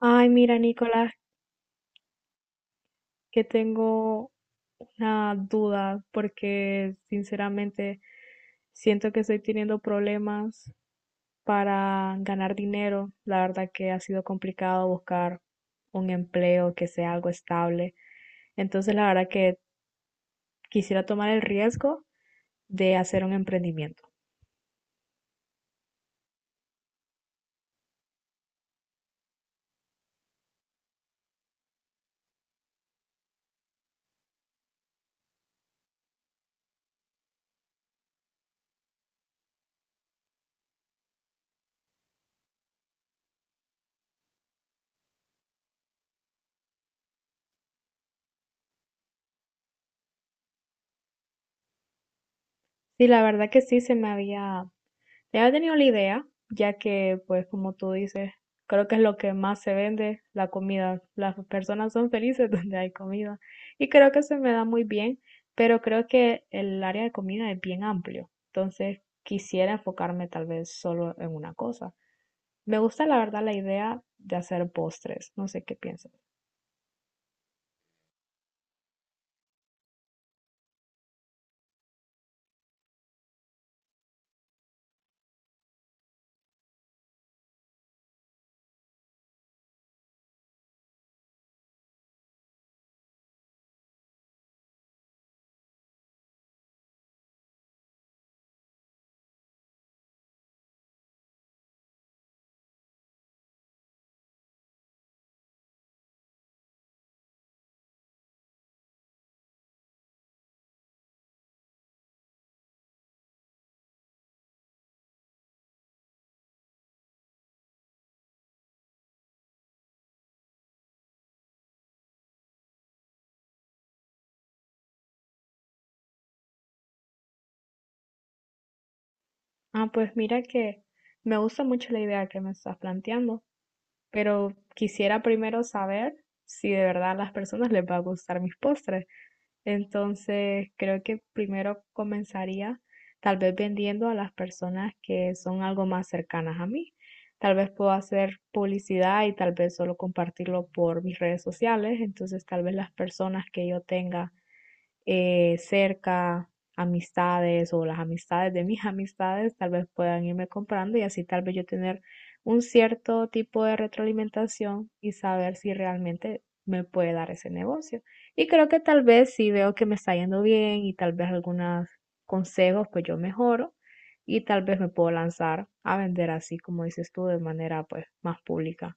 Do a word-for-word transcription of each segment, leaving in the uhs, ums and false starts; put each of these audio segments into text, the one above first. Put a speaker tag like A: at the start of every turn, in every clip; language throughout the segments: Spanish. A: Ay, mira, Nicolás, que tengo una duda porque sinceramente siento que estoy teniendo problemas para ganar dinero. La verdad que ha sido complicado buscar un empleo que sea algo estable. Entonces, la verdad que quisiera tomar el riesgo de hacer un emprendimiento. Y la verdad que sí se me había Sí había tenido la idea, ya que, pues, como tú dices, creo que es lo que más se vende, la comida. Las personas son felices donde hay comida. Y creo que se me da muy bien, pero creo que el área de comida es bien amplio. Entonces, quisiera enfocarme tal vez solo en una cosa. Me gusta, la verdad, la idea de hacer postres. No sé qué piensas. Ah, pues mira que me gusta mucho la idea que me estás planteando, pero quisiera primero saber si de verdad a las personas les va a gustar mis postres. Entonces, creo que primero comenzaría tal vez vendiendo a las personas que son algo más cercanas a mí. Tal vez puedo hacer publicidad y tal vez solo compartirlo por mis redes sociales. Entonces, tal vez las personas que yo tenga eh, cerca, amistades o las amistades de mis amistades tal vez puedan irme comprando y así tal vez yo tener un cierto tipo de retroalimentación y saber si realmente me puede dar ese negocio. Y creo que tal vez si veo que me está yendo bien y tal vez algunos consejos, pues yo mejoro y tal vez me puedo lanzar a vender así como dices tú de manera pues más pública.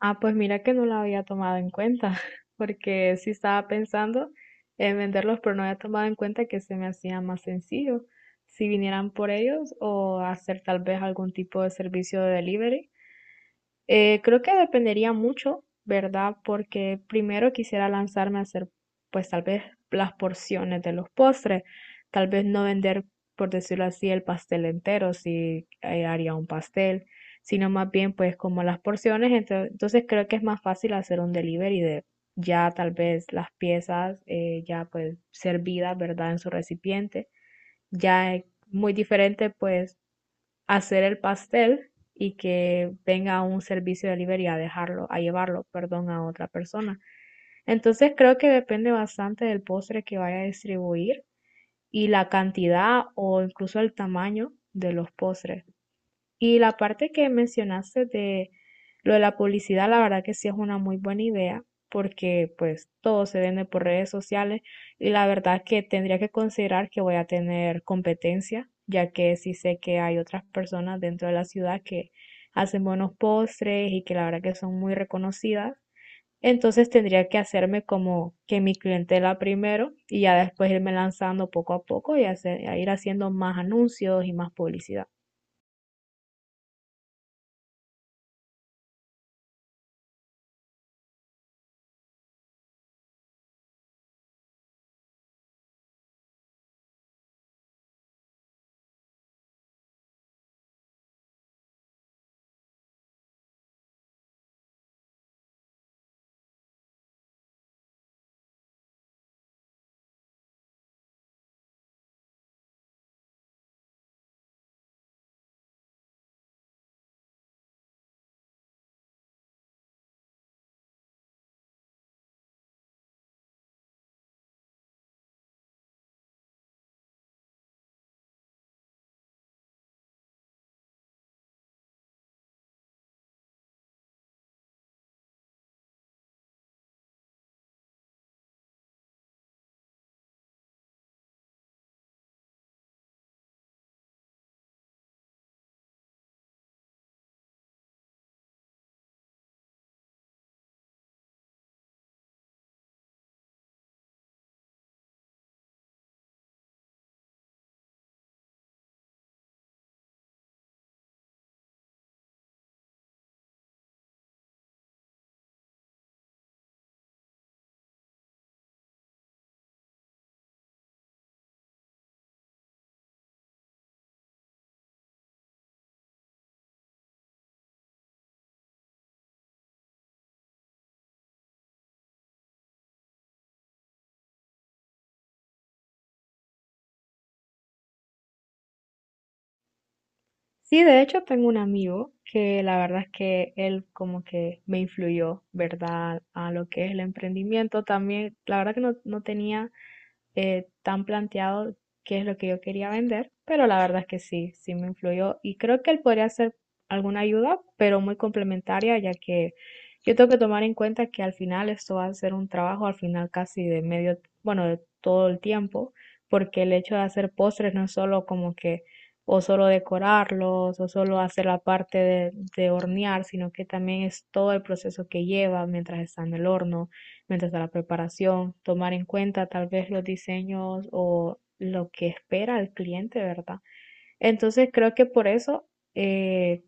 A: Ah, pues mira que no la había tomado en cuenta, porque sí estaba pensando en venderlos, pero no había tomado en cuenta que se me hacía más sencillo si vinieran por ellos o hacer tal vez algún tipo de servicio de delivery. Eh, creo que dependería mucho, ¿verdad? Porque primero quisiera lanzarme a hacer, pues tal vez las porciones de los postres, tal vez no vender, por decirlo así, el pastel entero, si eh, haría un pastel, sino más bien pues como las porciones, ento- entonces creo que es más fácil hacer un delivery de ya tal vez las piezas eh, ya pues servidas, ¿verdad? En su recipiente. Ya es muy diferente pues hacer el pastel y que venga un servicio de delivery a dejarlo, a llevarlo, perdón, a otra persona. Entonces creo que depende bastante del postre que vaya a distribuir y la cantidad o incluso el tamaño de los postres. Y la parte que mencionaste de lo de la publicidad, la verdad que sí es una muy buena idea, porque pues todo se vende por redes sociales y la verdad que tendría que considerar que voy a tener competencia, ya que sí sé que hay otras personas dentro de la ciudad que hacen buenos postres y que la verdad que son muy reconocidas. Entonces tendría que hacerme como que mi clientela primero y ya después irme lanzando poco a poco y hacer, ir haciendo más anuncios y más publicidad. Sí, de hecho tengo un amigo que la verdad es que él como que me influyó, ¿verdad? A lo que es el emprendimiento. También, la verdad que no, no tenía eh, tan planteado qué es lo que yo quería vender, pero la verdad es que sí, sí me influyó y creo que él podría ser alguna ayuda, pero muy complementaria, ya que yo tengo que tomar en cuenta que al final esto va a ser un trabajo al final casi de medio, bueno, de todo el tiempo, porque el hecho de hacer postres no es solo como que o solo decorarlos o solo hacer la parte de, de hornear, sino que también es todo el proceso que lleva mientras está en el horno mientras a la preparación, tomar en cuenta tal vez los diseños o lo que espera el cliente, ¿verdad? Entonces creo que por eso eh,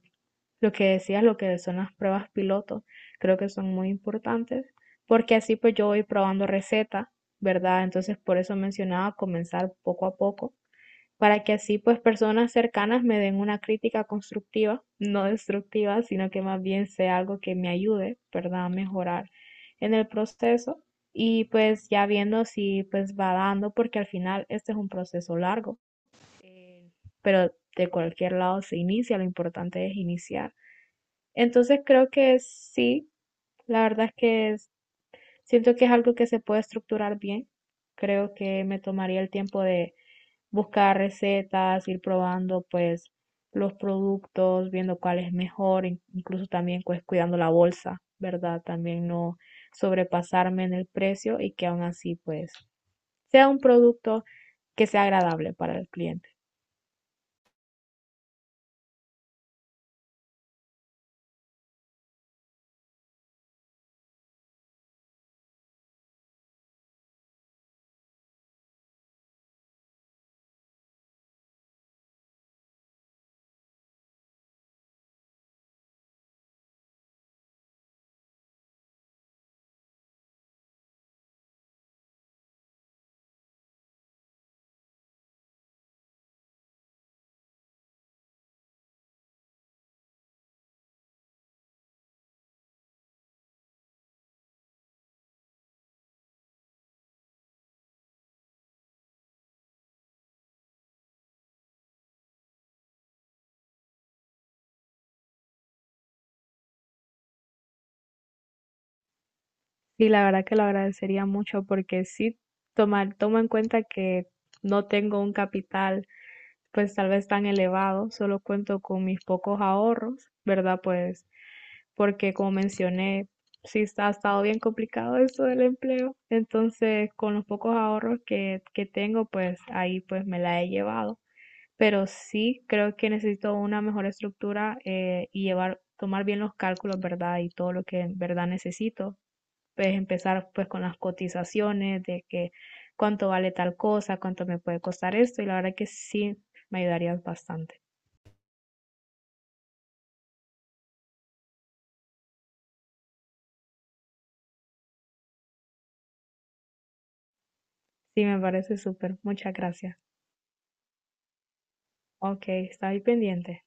A: lo que decías, lo que son las pruebas piloto, creo que son muy importantes, porque así pues yo voy probando recetas, ¿verdad? Entonces por eso mencionaba comenzar poco a poco para que así pues personas cercanas me den una crítica constructiva, no destructiva, sino que más bien sea algo que me ayude, ¿verdad?, a mejorar en el proceso y pues ya viendo si pues va dando, porque al final este es un proceso largo, eh, pero de cualquier lado se inicia, lo importante es iniciar. Entonces creo que sí, la verdad es que siento que es algo que se puede estructurar bien. Creo que me tomaría el tiempo de buscar recetas, ir probando pues los productos, viendo cuál es mejor, in- incluso también pues cuidando la bolsa, ¿verdad? También no sobrepasarme en el precio y que aún así pues sea un producto que sea agradable para el cliente. Y la verdad que lo agradecería mucho porque sí tomar, tomo en cuenta que no tengo un capital pues tal vez tan elevado, solo cuento con mis pocos ahorros, ¿verdad? Pues porque como mencioné, sí está, ha estado bien complicado esto del empleo, entonces con los pocos ahorros que, que tengo, pues ahí pues me la he llevado, pero sí creo que necesito una mejor estructura eh, y llevar, tomar bien los cálculos, ¿verdad? Y todo lo que en verdad necesito pues empezar pues con las cotizaciones de que cuánto vale tal cosa, cuánto me puede costar esto y la verdad que sí me ayudarías bastante. Sí, me parece súper. Muchas gracias. Ok, está ahí pendiente.